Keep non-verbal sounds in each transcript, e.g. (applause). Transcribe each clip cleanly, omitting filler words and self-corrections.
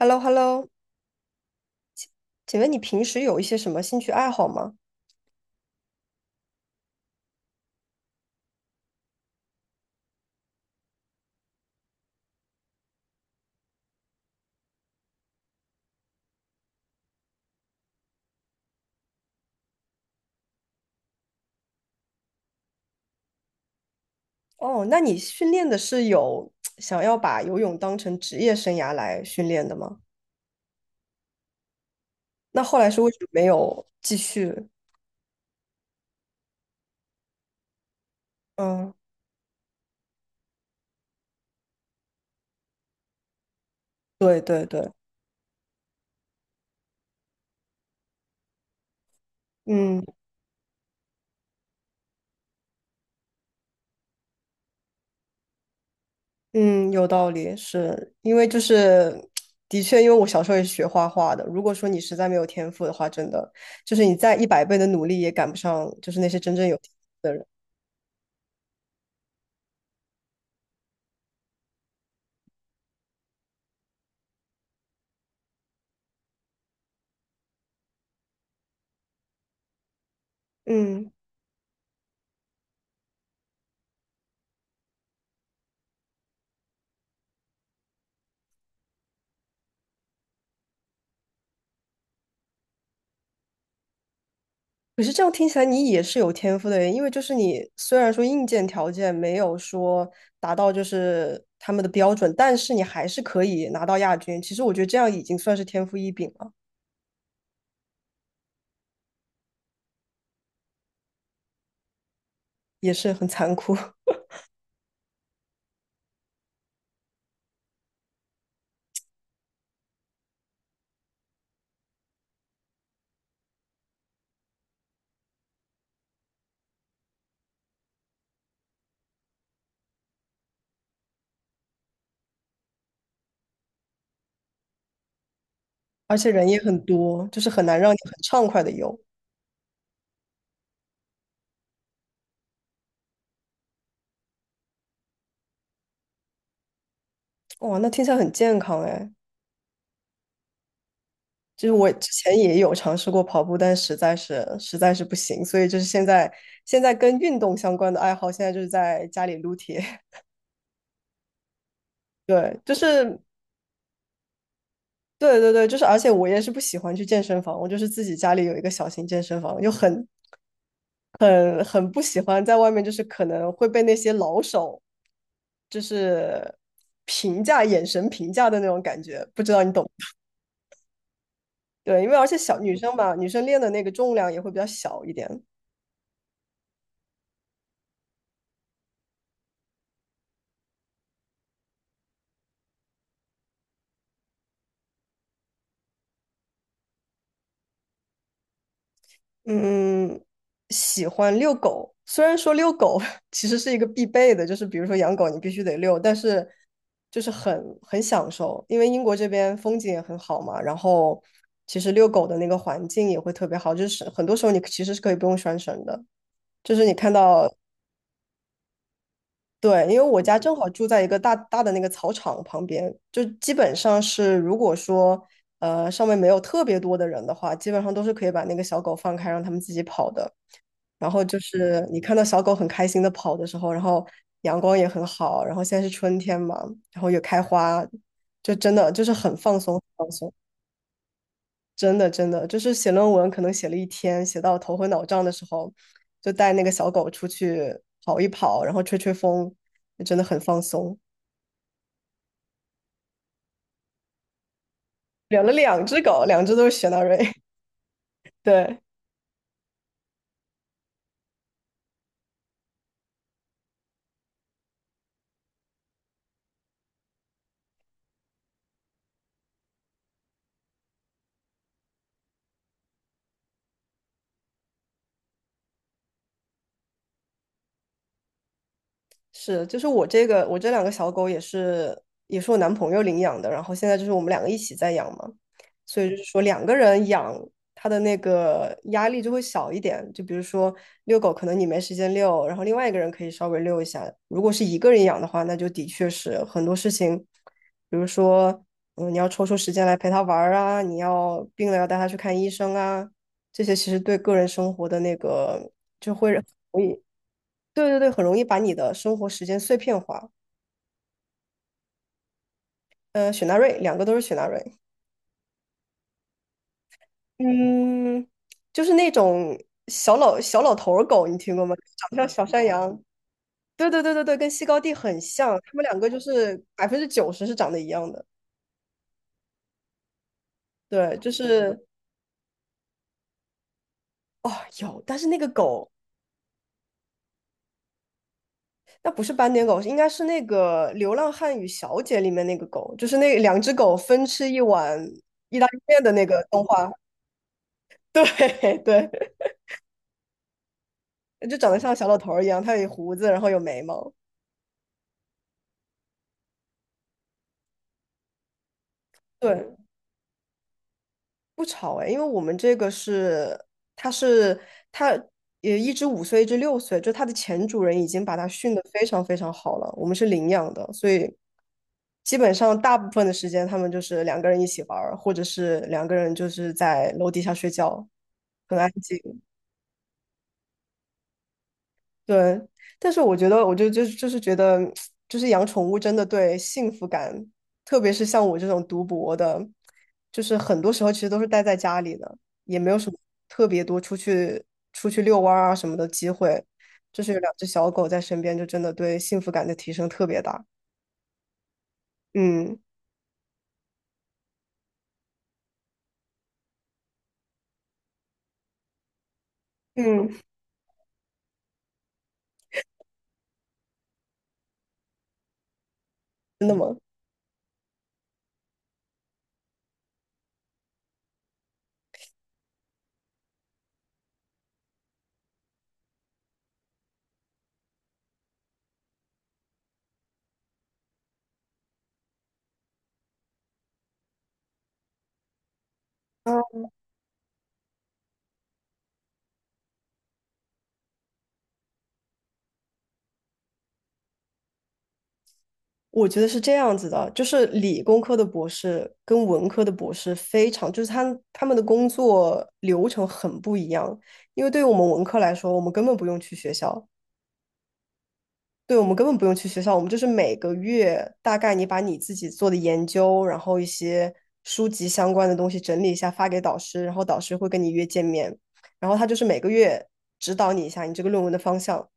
h e l l o h e l l o 请问你平时有一些什么兴趣爱好吗？哦，那你训练的是有想要把游泳当成职业生涯来训练的吗？那后来是为什么没有继续？嗯，对对对，嗯嗯，有道理，是因为就是的确，因为我小时候也是学画画的。如果说你实在没有天赋的话，真的就是你再100倍的努力也赶不上，就是那些真正有天赋的人。嗯。可是这样听起来，你也是有天赋的耶，因为就是你虽然说硬件条件没有说达到就是他们的标准，但是你还是可以拿到亚军。其实我觉得这样已经算是天赋异禀了，也是很残酷，(laughs) 而且人也很多，就是很难让你很畅快的游。哇，那听起来很健康哎。就是我之前也有尝试过跑步，但实在是不行，所以就是现在跟运动相关的爱好，现在就是在家里撸铁。(laughs) 对，就是对对对，就是而且我也是不喜欢去健身房，我就是自己家里有一个小型健身房，就很不喜欢在外面，就是可能会被那些老手就是评价眼神评价的那种感觉，不知道你懂？对，因为而且小女生嘛，女生练的那个重量也会比较小一点。嗯，喜欢遛狗。虽然说遛狗 (laughs) 其实是一个必备的，就是比如说养狗你必须得遛，但是就是很享受，因为英国这边风景也很好嘛，然后其实遛狗的那个环境也会特别好，就是很多时候你其实是可以不用拴绳的，就是你看到，对，因为我家正好住在一个大大的那个草场旁边，就基本上是如果说上面没有特别多的人的话，基本上都是可以把那个小狗放开让它们自己跑的。然后就是你看到小狗很开心的跑的时候，然后阳光也很好，然后现在是春天嘛，然后有开花，就真的就是很放松，放松，真的真的就是写论文可能写了一天，写到头昏脑胀的时候，就带那个小狗出去跑一跑，然后吹吹风，就真的很放松。养了两只狗，两只都是雪纳瑞，(laughs) 对，是，就是我这两个小狗也是我男朋友领养的，然后现在就是我们两个一起在养嘛，所以就是说两个人养，它的那个压力就会小一点。就比如说遛狗，可能你没时间遛，然后另外一个人可以稍微遛一下。如果是一个人养的话，那就的确是很多事情，比如说你要抽出时间来陪它玩儿啊，你要病了要带它去看医生啊，这些其实对个人生活的那个，对对对，很容易把你的生活时间碎片化。雪纳瑞，两个都是雪纳瑞。嗯，就是那种小老头儿狗，你听过吗？长得像小山羊。对对对对对，跟西高地很像，他们两个就是90%是长得一样的。对，就是哦，有，但是那个狗，那不是斑点狗，应该是那个《流浪汉与小姐》里面那个狗，就是那两只狗分吃一碗意大利面的那个动画。对 (laughs) 对，就长得像小老头儿一样，它有胡子，然后有眉毛。对，不吵哎，因为我们这个是，它是它也一只5岁，一只6岁，就它的前主人已经把它训得非常非常好了，我们是领养的，所以基本上大部分的时间他们就是两个人一起玩儿，或者是两个人就是在楼底下睡觉，很安静。对，但是我觉得，我就是觉得，就是养宠物真的对幸福感，特别是像我这种读博的，就是很多时候其实都是待在家里的，也没有什么特别多出去遛弯儿啊什么的机会，就是有两只小狗在身边，就真的对幸福感的提升特别大。嗯，嗯，真的吗？啊，我觉得是这样子的，就是理工科的博士跟文科的博士非常，就是他们的工作流程很不一样。因为对于我们文科来说，我们根本不用去学校，对我们根本不用去学校，我们就是每个月大概你把你自己做的研究，然后一些书籍相关的东西整理一下发给导师，然后导师会跟你约见面，然后他就是每个月指导你一下你这个论文的方向。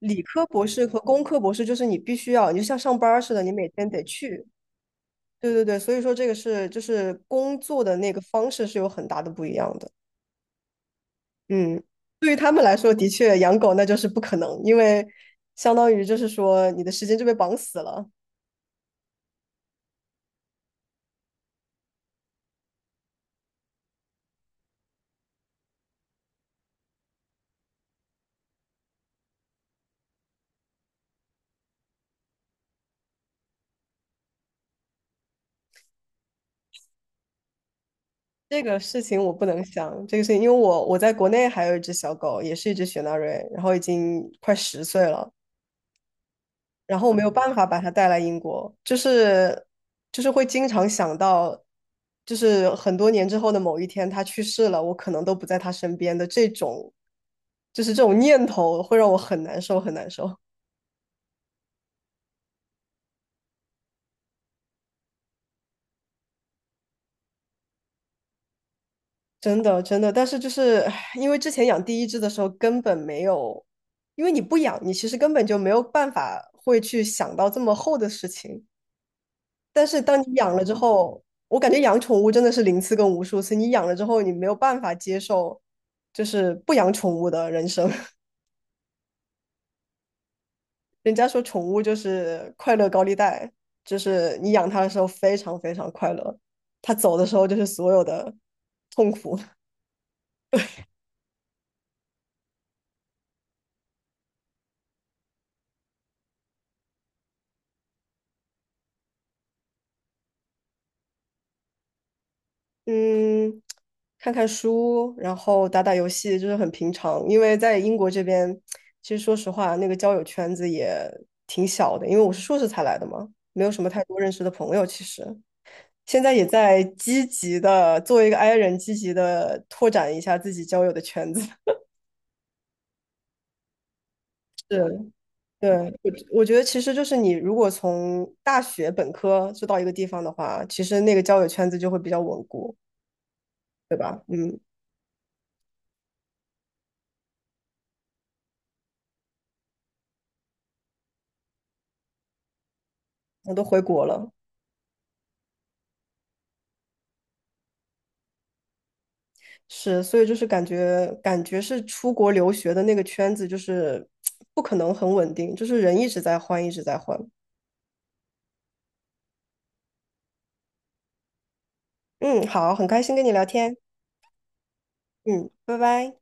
理科博士和工科博士就是你必须要，你就像上班儿似的，你每天得去。对对对，所以说这个是就是工作的那个方式是有很大的不一样的。嗯，对于他们来说，的确养狗那就是不可能，因为相当于就是说你的时间就被绑死了。这个事情我不能想，这个事情，因为我在国内还有一只小狗，也是一只雪纳瑞，然后已经快10岁了。然后我没有办法把它带来英国，就是会经常想到，就是很多年之后的某一天他去世了，我可能都不在他身边的这种，就是这种念头会让我很难受，很难受，真的真的。但是就是唉因为之前养第一只的时候根本没有，因为你不养，你其实根本就没有办法会去想到这么厚的事情。但是当你养了之后，我感觉养宠物真的是零次跟无数次。你养了之后，你没有办法接受，就是不养宠物的人生。(laughs) 人家说宠物就是快乐高利贷，就是你养它的时候非常非常快乐，它走的时候就是所有的痛苦。(laughs) 嗯，看看书，然后打打游戏，就是很平常。因为在英国这边，其实说实话，那个交友圈子也挺小的，因为我是硕士才来的嘛，没有什么太多认识的朋友，其实。现在也在积极的作为一个 i 人，积极的拓展一下自己交友的圈子。(laughs) 是，对，我觉得其实就是你如果从大学本科就到一个地方的话，其实那个交友圈子就会比较稳固。嗯，我都回国了，是，所以就是感觉是出国留学的那个圈子就是不可能很稳定，就是人一直在换，一直在换。嗯，好，很开心跟你聊天。嗯，拜拜。